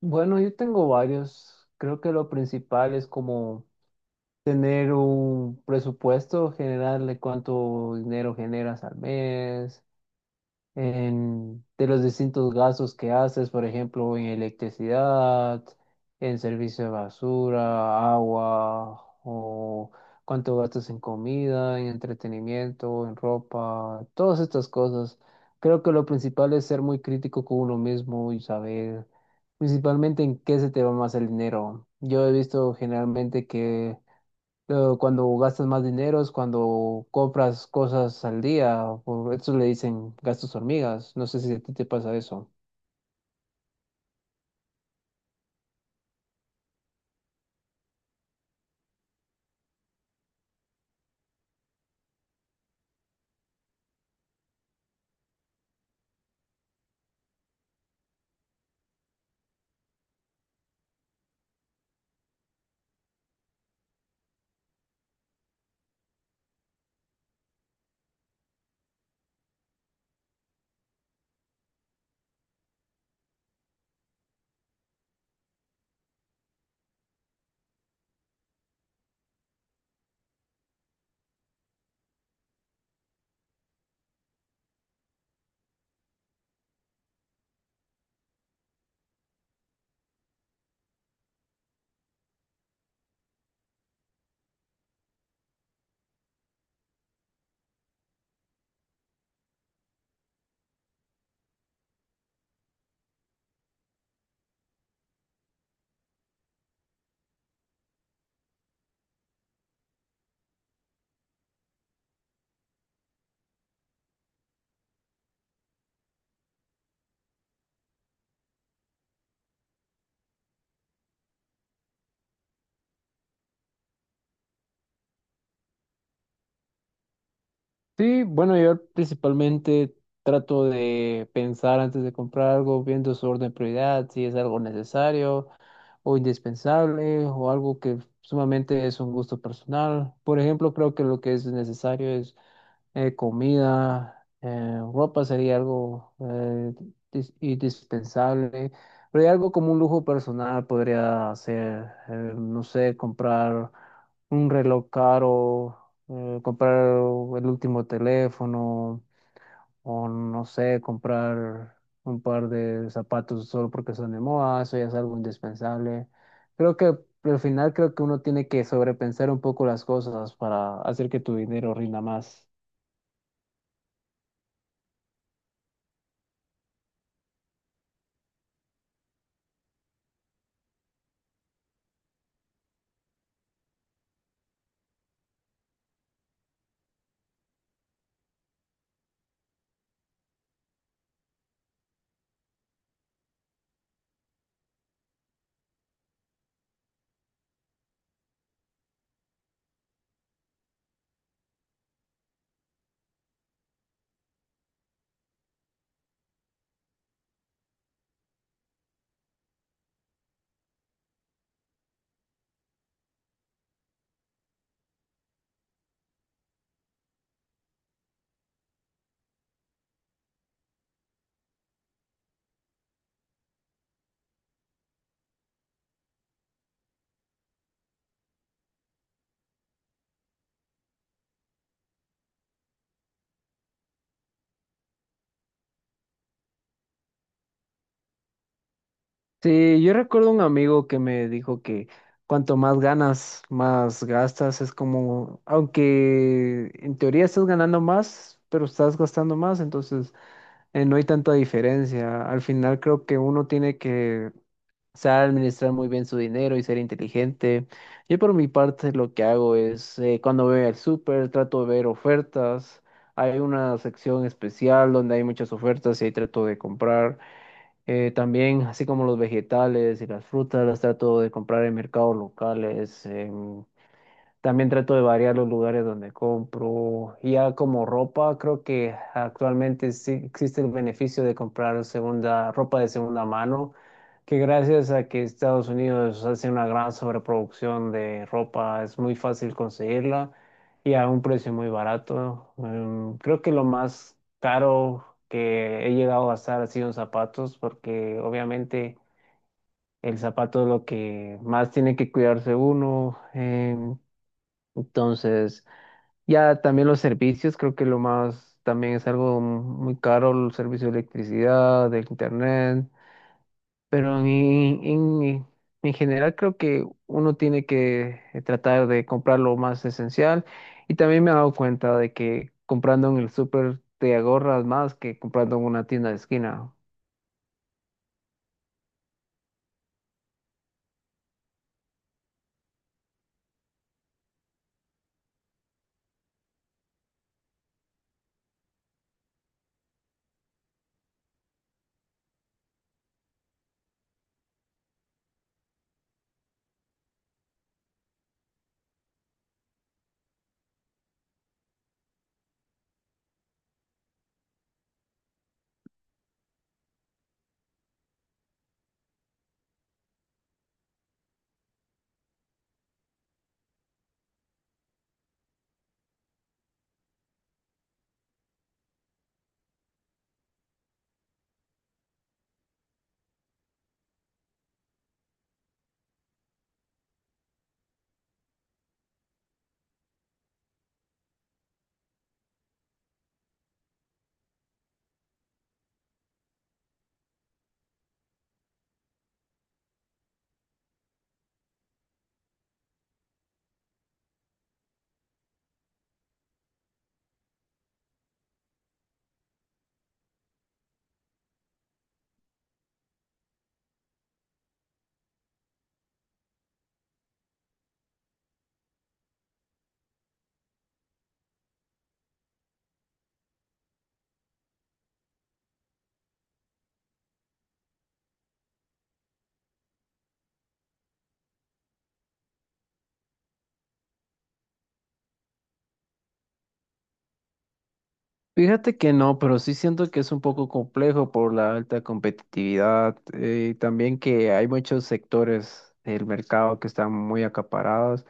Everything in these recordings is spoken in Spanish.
Bueno, yo tengo varios. Creo que lo principal es como tener un presupuesto general de cuánto dinero generas al mes, de los distintos gastos que haces, por ejemplo, en electricidad, en servicio de basura, agua, o cuánto gastas en comida, en entretenimiento, en ropa, todas estas cosas. Creo que lo principal es ser muy crítico con uno mismo y saber principalmente en qué se te va más el dinero. Yo he visto generalmente que cuando gastas más dinero es cuando compras cosas al día, por eso le dicen gastos hormigas. No sé si a ti te pasa eso. Sí, bueno, yo principalmente trato de pensar antes de comprar algo, viendo su orden de prioridad, si es algo necesario o indispensable o algo que sumamente es un gusto personal. Por ejemplo, creo que lo que es necesario es comida, ropa sería algo indispensable, pero hay algo como un lujo personal podría ser, no sé, comprar un reloj caro, comprar el último teléfono, o no sé, comprar un par de zapatos solo porque son de moda, eso ya es algo indispensable. Creo que Al final creo que uno tiene que sobrepensar un poco las cosas para hacer que tu dinero rinda más. Sí, yo recuerdo un amigo que me dijo que cuanto más ganas, más gastas. Es como, aunque en teoría estás ganando más, pero estás gastando más, entonces no hay tanta diferencia. Al final creo que uno tiene que saber administrar muy bien su dinero y ser inteligente. Yo por mi parte lo que hago es, cuando voy al súper, trato de ver ofertas. Hay una sección especial donde hay muchas ofertas y ahí trato de comprar. También, así como los vegetales y las frutas, las trato de comprar en mercados locales, también trato de variar los lugares donde compro. Ya como ropa, creo que actualmente sí existe el beneficio de comprar segunda, ropa de segunda mano, que gracias a que Estados Unidos hace una gran sobreproducción de ropa, es muy fácil conseguirla y a un precio muy barato. Creo que lo más caro que he llegado a gastar ha sido en zapatos, porque obviamente el zapato es lo que más tiene que cuidarse uno. Entonces, ya también los servicios, creo que lo más también es algo muy caro, el servicio de electricidad, del internet, pero en, en general creo que uno tiene que tratar de comprar lo más esencial y también me he dado cuenta de que comprando en el súper te ahorras más que comprando en una tienda de esquina. Fíjate que no, pero sí siento que es un poco complejo por la alta competitividad y también que hay muchos sectores del mercado que están muy acaparados.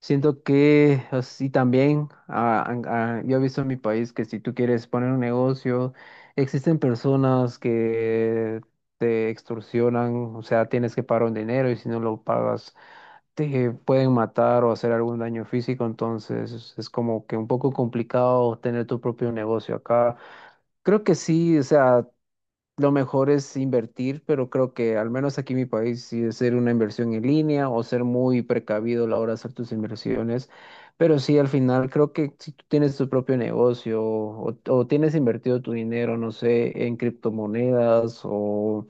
Siento que así también, ah, yo he visto en mi país que si tú quieres poner un negocio, existen personas que te extorsionan, o sea, tienes que pagar un dinero y si no lo pagas te pueden matar o hacer algún daño físico, entonces es como que un poco complicado tener tu propio negocio acá. Creo que sí, o sea, lo mejor es invertir, pero creo que al menos aquí en mi país sí es ser una inversión en línea o ser muy precavido a la hora de hacer tus inversiones. Pero sí, al final creo que si tú tienes tu propio negocio o tienes invertido tu dinero, no sé, en criptomonedas o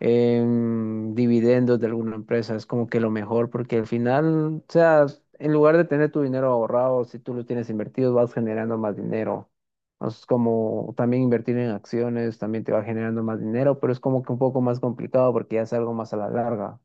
dividendos de alguna empresa. Es como que lo mejor, porque al final, o sea, en lugar de tener tu dinero ahorrado, si tú lo tienes invertido, vas generando más dinero. O Es como también invertir en acciones, también te va generando más dinero, pero es como que un poco más complicado porque ya es algo más a la larga.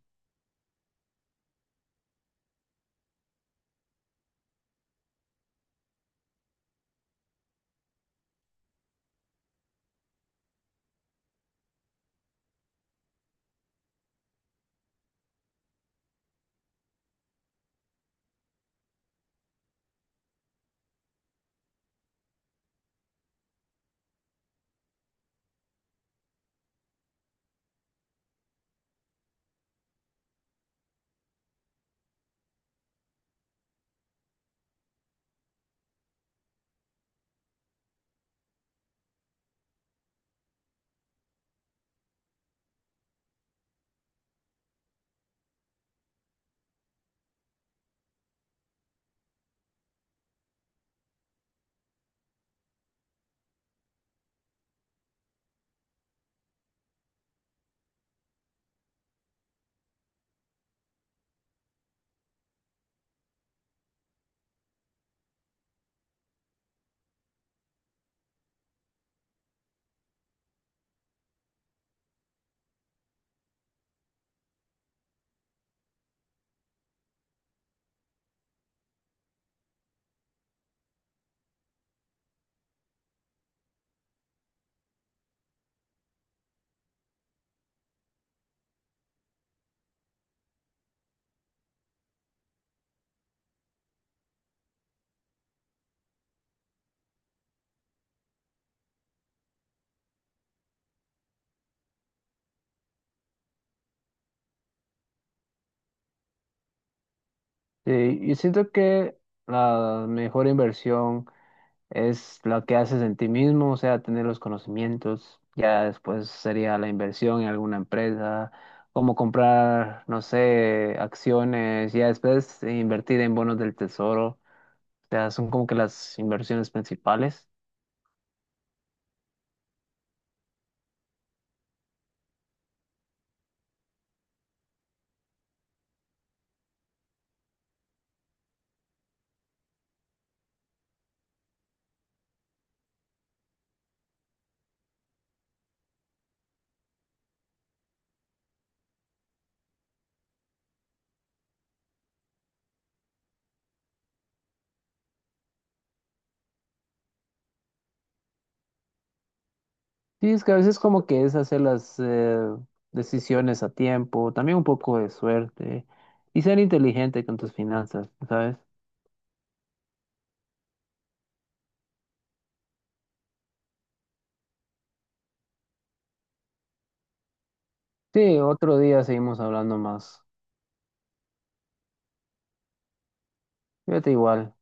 Sí, y siento que la mejor inversión es lo que haces en ti mismo, o sea, tener los conocimientos. Ya después sería la inversión en alguna empresa, como comprar, no sé, acciones, ya después invertir en bonos del tesoro. O sea, son como que las inversiones principales. Sí, es que a veces como que es hacer las decisiones a tiempo, también un poco de suerte y ser inteligente con tus finanzas, ¿sabes? Sí, otro día seguimos hablando más. Fíjate igual.